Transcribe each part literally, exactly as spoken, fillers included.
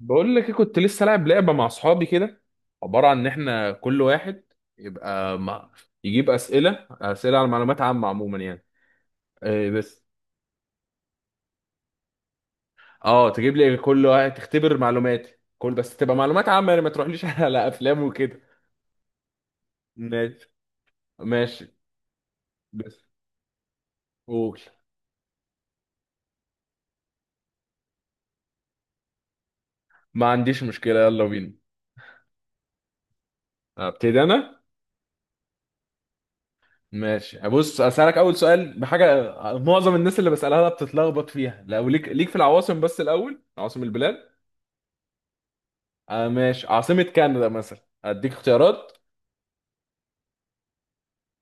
بقول لك إيه، كنت لسه لاعب لعبه مع اصحابي كده. عباره عن ان احنا كل واحد يبقى مع... يجيب اسئله اسئله على معلومات عامه. عموما يعني إيه بس. اه، تجيب لي كل واحد تختبر معلوماتي، كل بس تبقى معلومات عامه، يعني ما تروحليش على افلام وكده. ماشي ماشي، بس قول. ما عنديش مشكله، يلا بينا. ابتدي انا. ماشي، بص اسالك اول سؤال بحاجه. معظم الناس اللي بسالها لها بتتلخبط فيها، لو ليك ليك في العواصم، بس الاول عواصم البلاد. آه ماشي، عاصمة كندا مثلا. اديك اختيارات.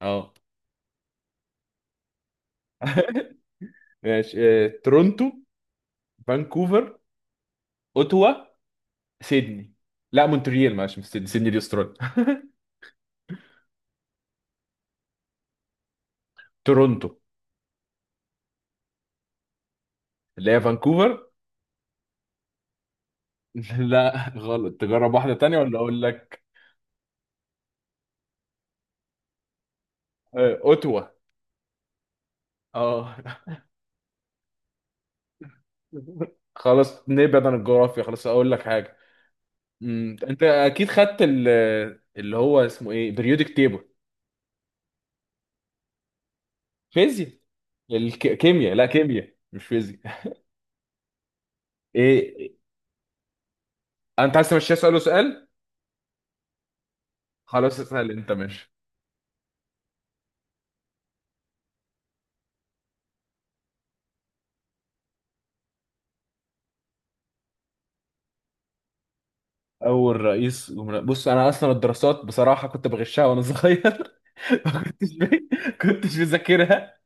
اه ماشي. آه، تورونتو. فانكوفر. اوتوا. سيدني. لا، مونتريال، معلش، مش سيدني، سيدني دي استراليا تورونتو. اللي هي فانكوفر. لا غلط، تجرب واحدة تانية ولا اقول لك؟ آه، اوتوا. اه. خلاص نبعد عن الجغرافيا، خلاص اقول لك حاجة. مم، انت اكيد خدت ال- اللي هو اسمه ايه، بريودك تيبل. فيزياء. الكيمياء، لا كيمياء مش فيزياء. ايه، انت عايز تمشيها سؤال وسؤال؟ خلاص اسال انت، ماشي. اول رئيس جمهورية، بص انا اصلا الدراسات بصراحه كنت بغشها وانا صغير ما كنتش بي... كنتش بذاكرها.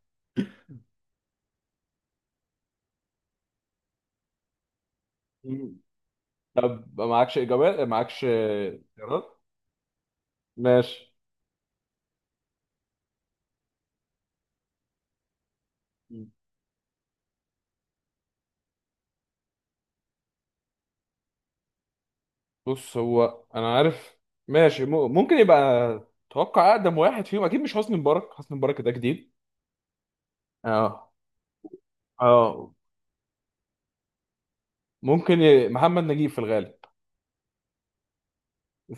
مم. طب معكش اجابات، معكش اختيارات؟ ماشي. مم. بص هو انا عارف. ماشي، م... ممكن يبقى. اتوقع اقدم واحد فيهم اكيد مش حسني مبارك، حسني مبارك ده جديد. اه. اه، ممكن ي... محمد نجيب في الغالب.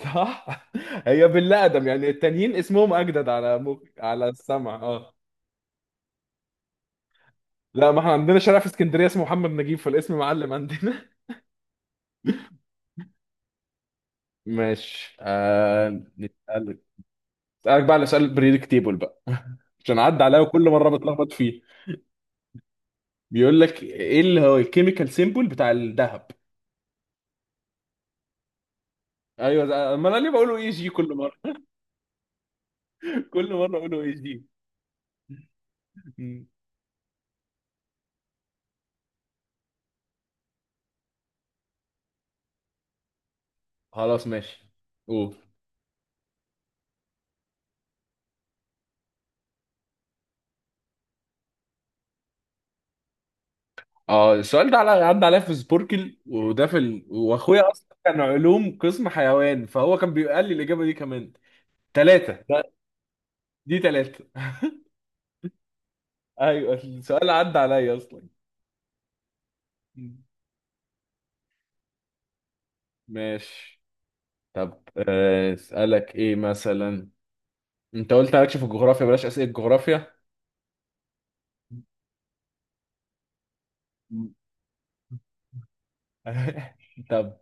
صح. هي بالله ادم، يعني التانيين اسمهم اجدد على مك... على السمع. اه. لا، ما احنا عندنا شارع في اسكندريه اسمه محمد نجيب، فالاسم معلم عندنا. ماشي آه... نسألك، اسالك بقى على سؤال بريدكتيبل بقى عشان عدى عليا وكل مره بتلخبط فيه. بيقول لك ايه اللي هو الكيميكال سيمبل بتاع الذهب. ايوه ده- ما انا ليه بقوله اي جي كل مره. كل مره بقوله اي جي. خلاص ماشي، قول. اه، السؤال ده على- عدى عليا في سبوركل، وده في ال... واخويا اصلا كان علوم قسم حيوان، فهو كان بيقال لي الاجابه دي كمان. ثلاثه ده. دي ثلاثه ايوه السؤال عدى عليا اصلا. ماشي. طب آه، اسالك ايه مثلا. انت قلت مالكش في الجغرافيا، بلاش اسئله جغرافيا. طب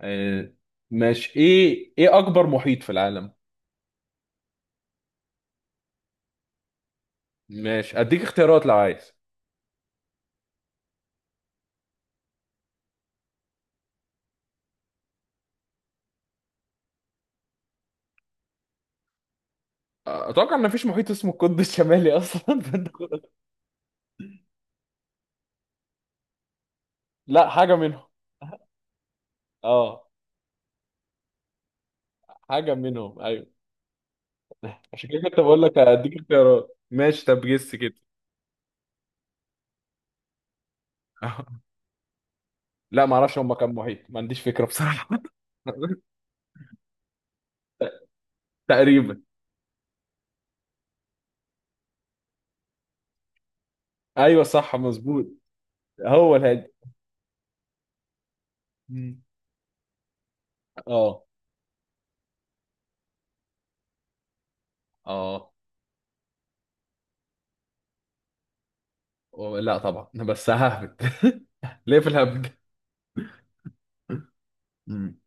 آه، ماشي، ايه ايه اكبر محيط في العالم؟ ماشي، اديك اختيارات لو عايز. اتوقع ان مفيش محيط اسمه القطب الشمالي اصلا فانت. لا حاجة منهم. اه، حاجة منهم ايوه. عشان كده كنت بقول لك اديك اختيارات، ماشي، طب جس كده. لا، ما اعرفش هم كام محيط، ما عنديش فكرة بصراحة. تقريبا. ايوه صح مظبوط. هو الهادي. مم. اه اه. أو- لا طبعا بس ههبد. ليه في الهبد. مم.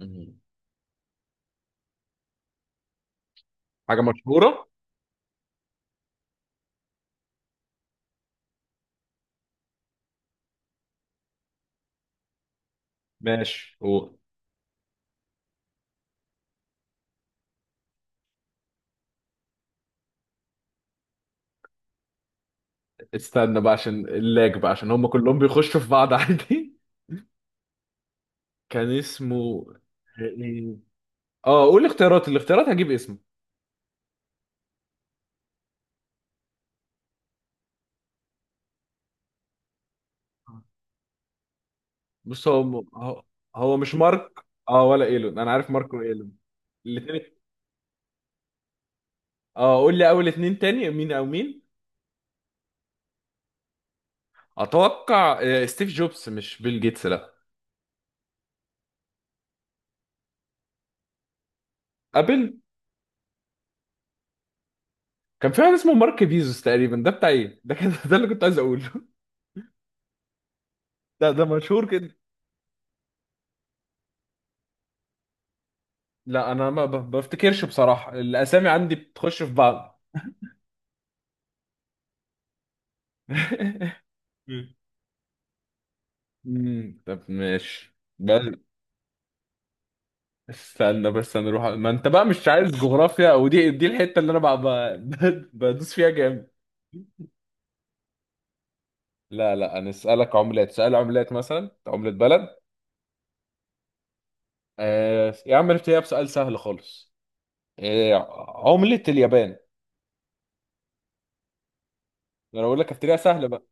مم. حاجة مشهورة. ماشي هو. استنى بقى عشان اللاج، بقى عشان هم كلهم بيخشوا في بعض عادي. كان اسمه. اه، قول الاختيارات الاختيارات هجيب اسمه. بص هو هو هو مش مارك، اه، ولا ايلون، انا عارف مارك وايلون. الاثنين. اه، قول لي اول اتنين تاني، مين او مين. اتوقع آه، ستيف جوبز، مش بيل جيتس لا. ابل. كان في واحد اسمه مارك بيزوس تقريبا، ده بتاع ايه ده كان ده اللي كنت عايز اقوله. ده ده مشهور كده. لا انا ما ب- بفتكرش بصراحة، الاسامي عندي بتخش في بعض. مم. مم، طب ماشي بس. استنى بس انا اروح، ما انت بقى مش عايز جغرافيا او دي دي الحته اللي انا بقى ب- بدوس فيها جامد. لا لا، انا اسالك عملات، سؤال عملات مثلا، عمله بلد. آه يا عم نبتديها بسؤال سهل خالص. آه عمله اليابان. انا بقول لك ابتديها سهله بقى.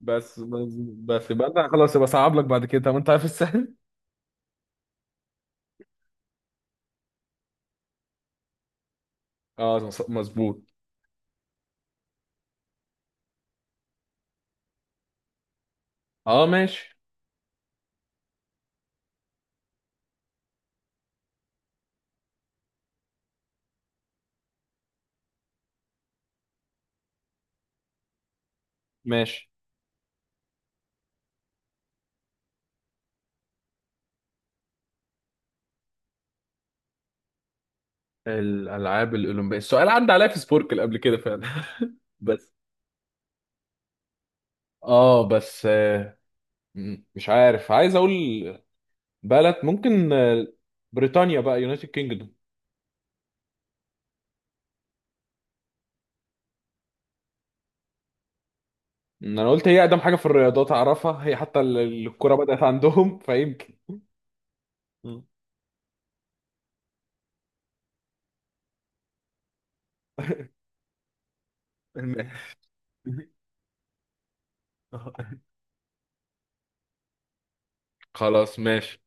بس بس بس، يبقى انا خلاص يبقى صعب لك بعد كده، طب انت عارف السهل. اه مص- مظبوط. اه. ماشي ماشي. الالعاب الاولمبيه، السؤال عدى عليا في سبوركل قبل كده فعلا بس. اه بس. مم. مش عارف، عايز اقول بلد ممكن، آه، بريطانيا بقى يونايتد كينجدوم. انا قلت هي اقدم حاجه في الرياضات اعرفها، هي حتى ال- الكره بدات عندهم فيمكن. مم. الم- خلاص ماشي.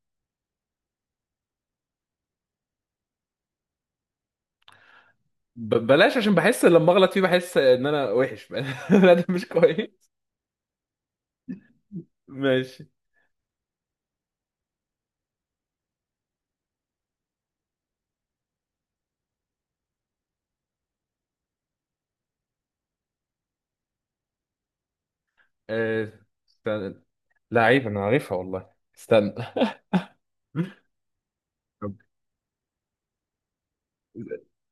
ب- بلاش، عشان بحس لما اغلط فيه بحس ان انا وحش لا ده مش كويس. ماشي، آه، استنى. لعيب انا عارفها والله. استنى طب،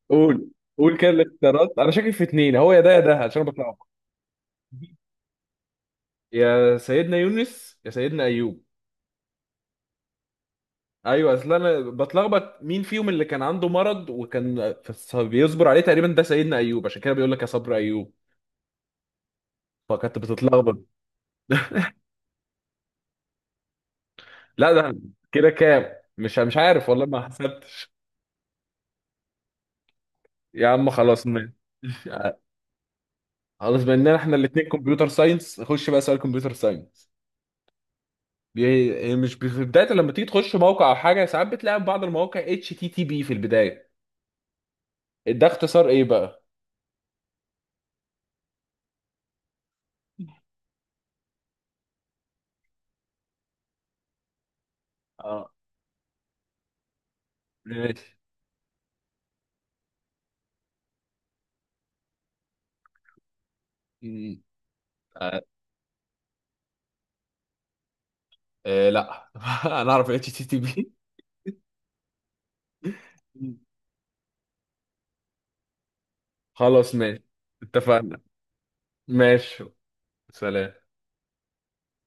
قول. قول كده الاختيارات، انا شاكك في اتنين، هو يا ده يا ده عشان بطلع. يا سيدنا يونس يا سيدنا ايوب. ايوه، اصل انا بتلخبط مين فيهم اللي كان عنده مرض وكان فس- بيصبر عليه، تقريبا ده سيدنا ايوب، عشان كده بيقول لك يا صبر ايوب. فكنت بتتلخبط لا ده كده كام، مش مش عارف والله، ما حسبتش. يا عم خلاص ماشي. خلاص، بما اننا احنا الاثنين كمبيوتر ساينس، خش بقى سؤال كمبيوتر ساينس. بي... مش بي- في بدايه لما تيجي تخش موقع او حاجه، ساعات بتلاقي في بعض المواقع اتش تي تي بي في البدايه. ده اختصار ايه بقى؟ اه ماشي. إيه لا انا اعرف اتش تي تي بي. خلاص ماشي. اتفقنا. ماشي. سلام.